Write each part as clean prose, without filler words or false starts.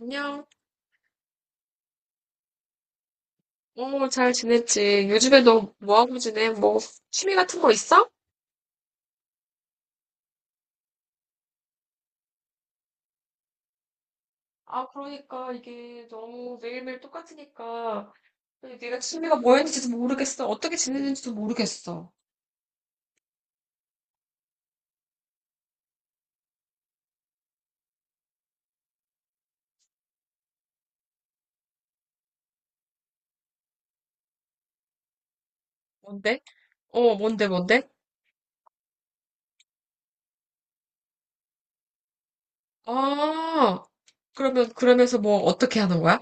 안녕. 어, 잘 지냈지? 요즘에 너 뭐하고 지내? 뭐, 취미 같은 거 있어? 아, 그러니까 이게 너무 매일매일 똑같으니까 내가 취미가 뭐였는지도 모르겠어. 어떻게 지내는지도 모르겠어. 뭔데? 어, 뭔데, 뭔데? 아, 그러면서 뭐, 어떻게 하는 거야?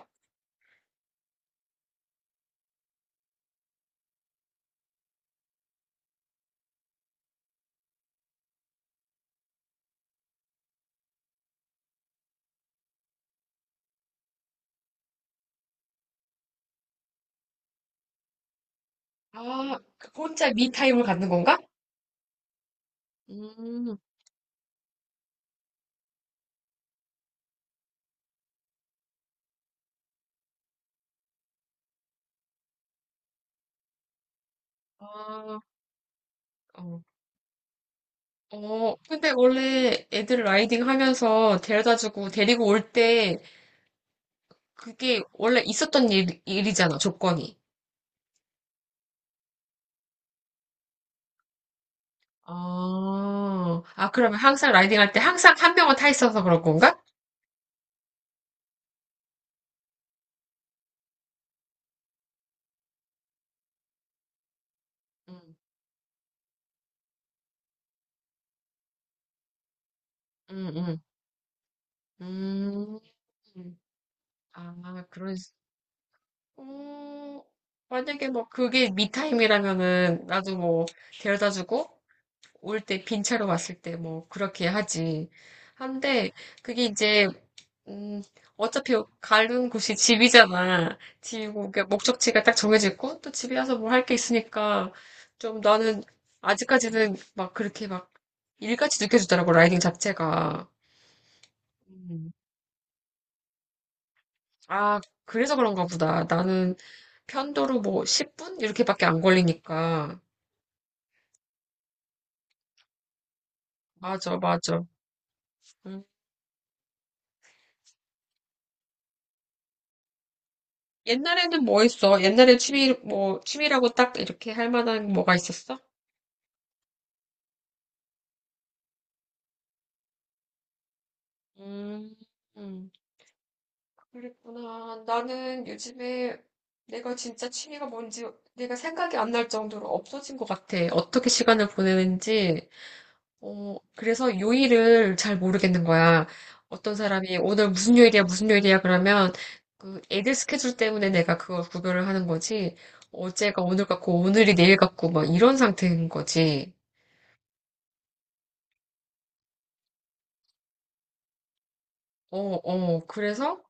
아, 그 혼자 미타임을 갖는 건가? 음, 아, 어. 어, 근데 원래 애들 라이딩 하면서 데려다주고 데리고 올때 그게 원래 있었던 일이잖아, 조건이. 아, 아, 그러면 항상 라이딩 할 때 항상 한 명은 타 있어서 그런 건가? 응, 응, 응. 음, 아, 그런, 어, 만약에 뭐 그게 미타임이라면은 나도 뭐 데려다 주고 올 때 빈 차로 왔을 때 뭐 그렇게 하지. 한데 그게 이제 음, 어차피 가는 곳이 집이잖아. 집이고, 그러니까 목적지가 딱 정해져 있고, 또 집에 와서 뭘 할 게 있으니까, 좀 나는 아직까지는 막 그렇게 막 일같이 느껴지더라고, 라이딩 자체가. 음, 아, 그래서 그런가 보다. 나는 편도로 뭐 10분? 이렇게밖에 안 걸리니까. 맞아, 맞아. 음. 옛날에는 뭐 했어? 옛날에 취미, 뭐, 취미라고 딱 이렇게 할 만한 뭐가 있었어? 음, 음. 그랬구나. 나는 요즘에 내가 진짜 취미가 뭔지 내가 생각이 안 날 정도로 없어진 것 같아. 어떻게 시간을 보내는지. 어, 그래서 요일을 잘 모르겠는 거야. 어떤 사람이 오늘 무슨 요일이야, 무슨 요일이야 그러면 그 애들 스케줄 때문에 내가 그걸 구별을 하는 거지. 어제가 오늘 같고 오늘이 내일 같고 막 이런 상태인 거지. 어, 어. 그래서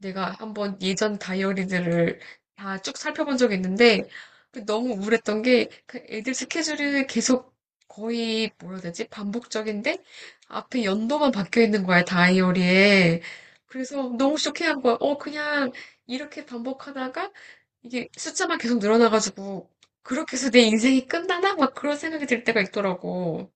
내가 한번 예전 다이어리들을 다 쭉 살펴본 적이 있는데 그 너무 우울했던 게 그 애들 스케줄이 계속 거의 뭐라 해야 되지? 반복적인데 앞에 연도만 바뀌어 있는 거야, 다이어리에. 그래서 너무 쇼킹한 거야. 어, 그냥 이렇게 반복하다가 이게 숫자만 계속 늘어나가지고 그렇게 해서 내 인생이 끝나나? 막 그런 생각이 들 때가 있더라고.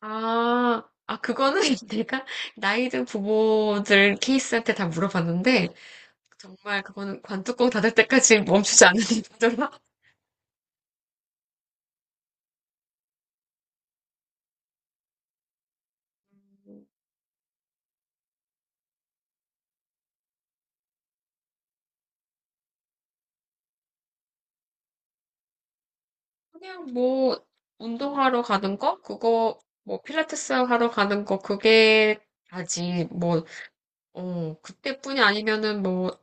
아, 아, 그거는 내가 나이든 부모들 케이스한테 다 물어봤는데 정말 그거는 관뚜껑 닫을 때까지 멈추지 않으니까 정말 그냥 뭐 운동하러 가는 거 그거 뭐 필라테스 하러 가는 거 그게 다지 뭐 어, 그때뿐이 아니면은 뭐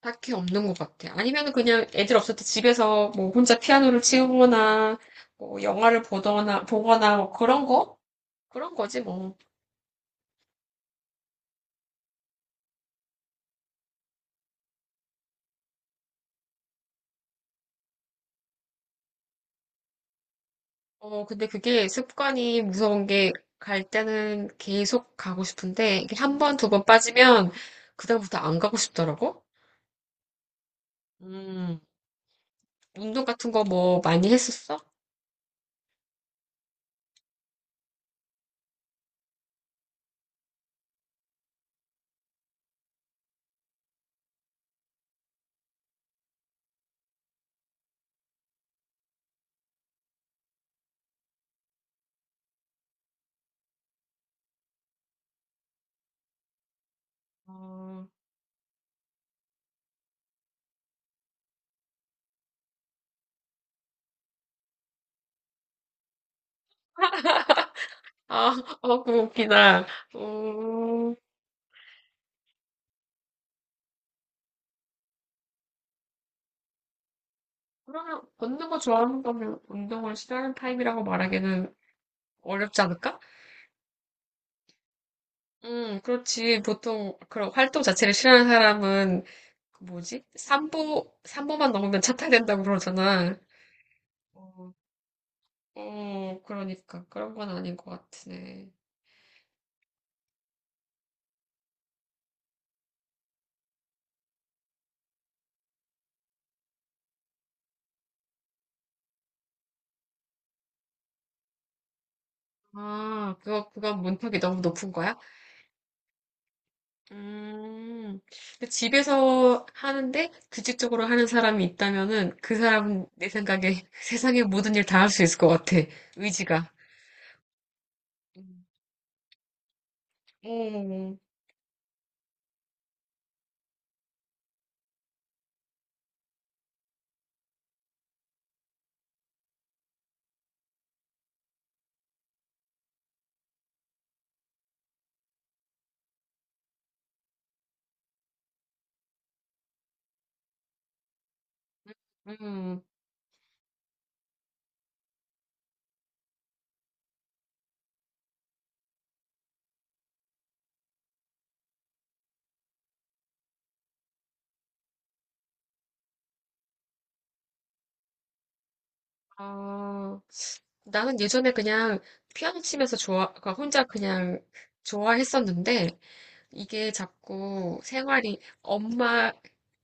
딱히 없는 것 같아. 아니면은 그냥 애들 없을 때 집에서 뭐 혼자 피아노를 치거나 뭐 영화를 보거나 뭐 그런 거 그런 거지 뭐. 어, 근데 그게 습관이 무서운 게 갈 때는 계속 가고 싶은데 이게 한 번, 두 번 빠지면 그다음부터 안 가고 싶더라고. 음, 운동 같은 거 뭐 많이 했었어? 어, 아, 어, 그거 웃기다. 어, 그러면 걷는 거 좋아하는 거면 운동을 싫어하는 타입이라고 말하기는 어렵지 않을까? 그렇지. 보통 그런 활동 자체를 싫어하는 사람은 그 뭐지? 삼보 3보만 넘으면 차 타야 된다고 그러잖아. 어, 어, 그러니까. 그런 건 아닌 것 같으네. 아, 그거, 그건 문턱이 너무 높은 거야? 음, 근데 집에서 하는데 규칙적으로 하는 사람이 있다면은 그 사람은 내 생각에 세상의 모든 일 다 할 수 있을 것 같아. 의지가. 음. 음, 음, 아, 나는 예전에 그냥 피아노 치면서 좋아, 그러니까 혼자 그냥 좋아했었는데 이게 자꾸 생활이 엄마,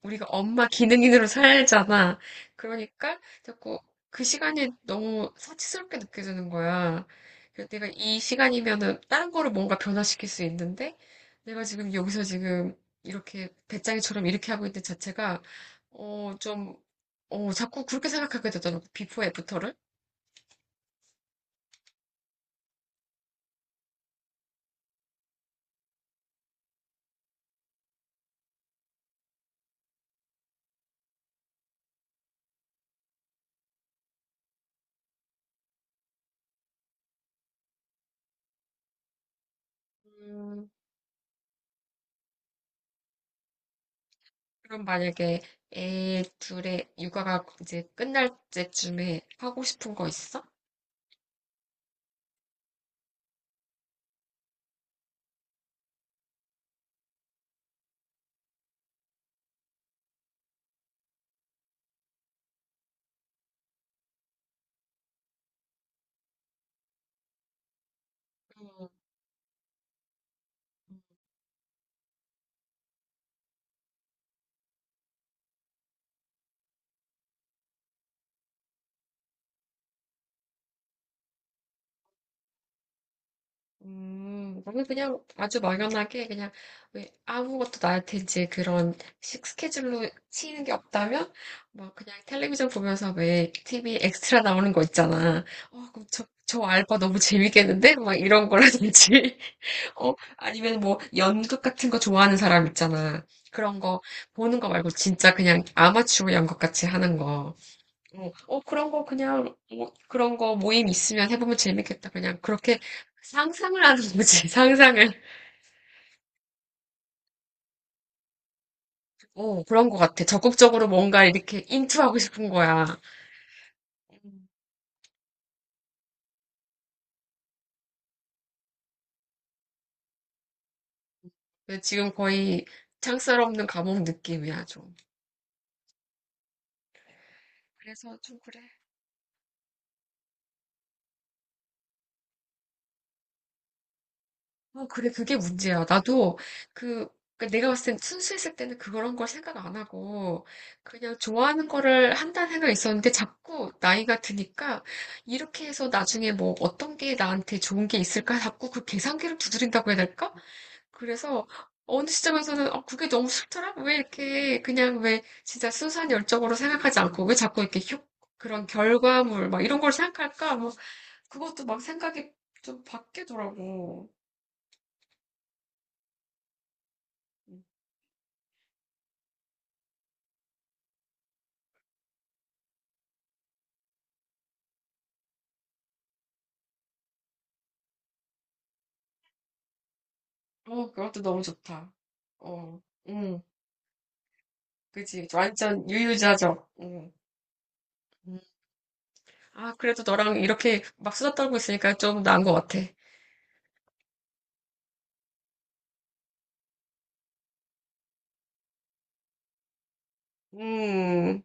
우리가 엄마 기능인으로 살잖아. 그러니까 자꾸 그 시간이 너무 사치스럽게 느껴지는 거야. 그래서 내가 이 시간이면은 다른 거를 뭔가 변화시킬 수 있는데 내가 지금 여기서 지금 이렇게 배짱이처럼 이렇게 하고 있는 자체가 어, 좀, 어, 자꾸 그렇게 생각하게 되더라고. 비포 애프터를. 음, 그럼 만약에 애 둘의 육아가 이제 끝날 때쯤에 하고 싶은 거 있어? 음, 나는 그냥 아주 막연하게 그냥 왜 아무것도 나한테 이제 그런 식 스케줄로 치이는 게 없다면 막 그냥 텔레비전 보면서 왜 TV 엑스트라 나오는 거 있잖아. 어, 그럼 저 알바 너무 재밌겠는데? 막 이런 거라든지. 어, 아니면 뭐 연극 같은 거 좋아하는 사람 있잖아. 그런 거 보는 거 말고 진짜 그냥 아마추어 연극 같이 하는 거. 어, 어, 그런 거 그냥, 뭐, 그런 거 모임 있으면 해보면 재밌겠다. 그냥 그렇게 상상을 하는 거지, 상상을. 어, 그런 거 같아. 적극적으로 뭔가 이렇게 인투하고 싶은 거야. 음. 근데 지금 거의 창살 없는 감옥 느낌이야, 좀. 그래서 좀 그래. 어, 그래, 그게 문제야. 나도 그, 그 내가 봤을 땐 순수했을 때는 그런 걸 생각 안 하고 그냥 좋아하는 거를 한다는 생각이 있었는데 자꾸 나이가 드니까 이렇게 해서 나중에 뭐 어떤 게 나한테 좋은 게 있을까 자꾸 그 계산기를 두드린다고 해야 될까? 그래서 어느 시점에서는 어, 그게 너무 싫더라? 왜 이렇게 그냥 왜 진짜 순수한 열정으로 생각하지 않고 왜 자꾸 이렇게 효, 그런 결과물 막 이런 걸 생각할까? 뭐 그것도 막 생각이 좀 바뀌더라고. 어, 그것도 너무 좋다. 어, 응, 그지. 완전 유유자적. 응. 음, 아, 그래도 너랑 이렇게 막 수다 떨고 있으니까 좀 나은 것 같아. 음.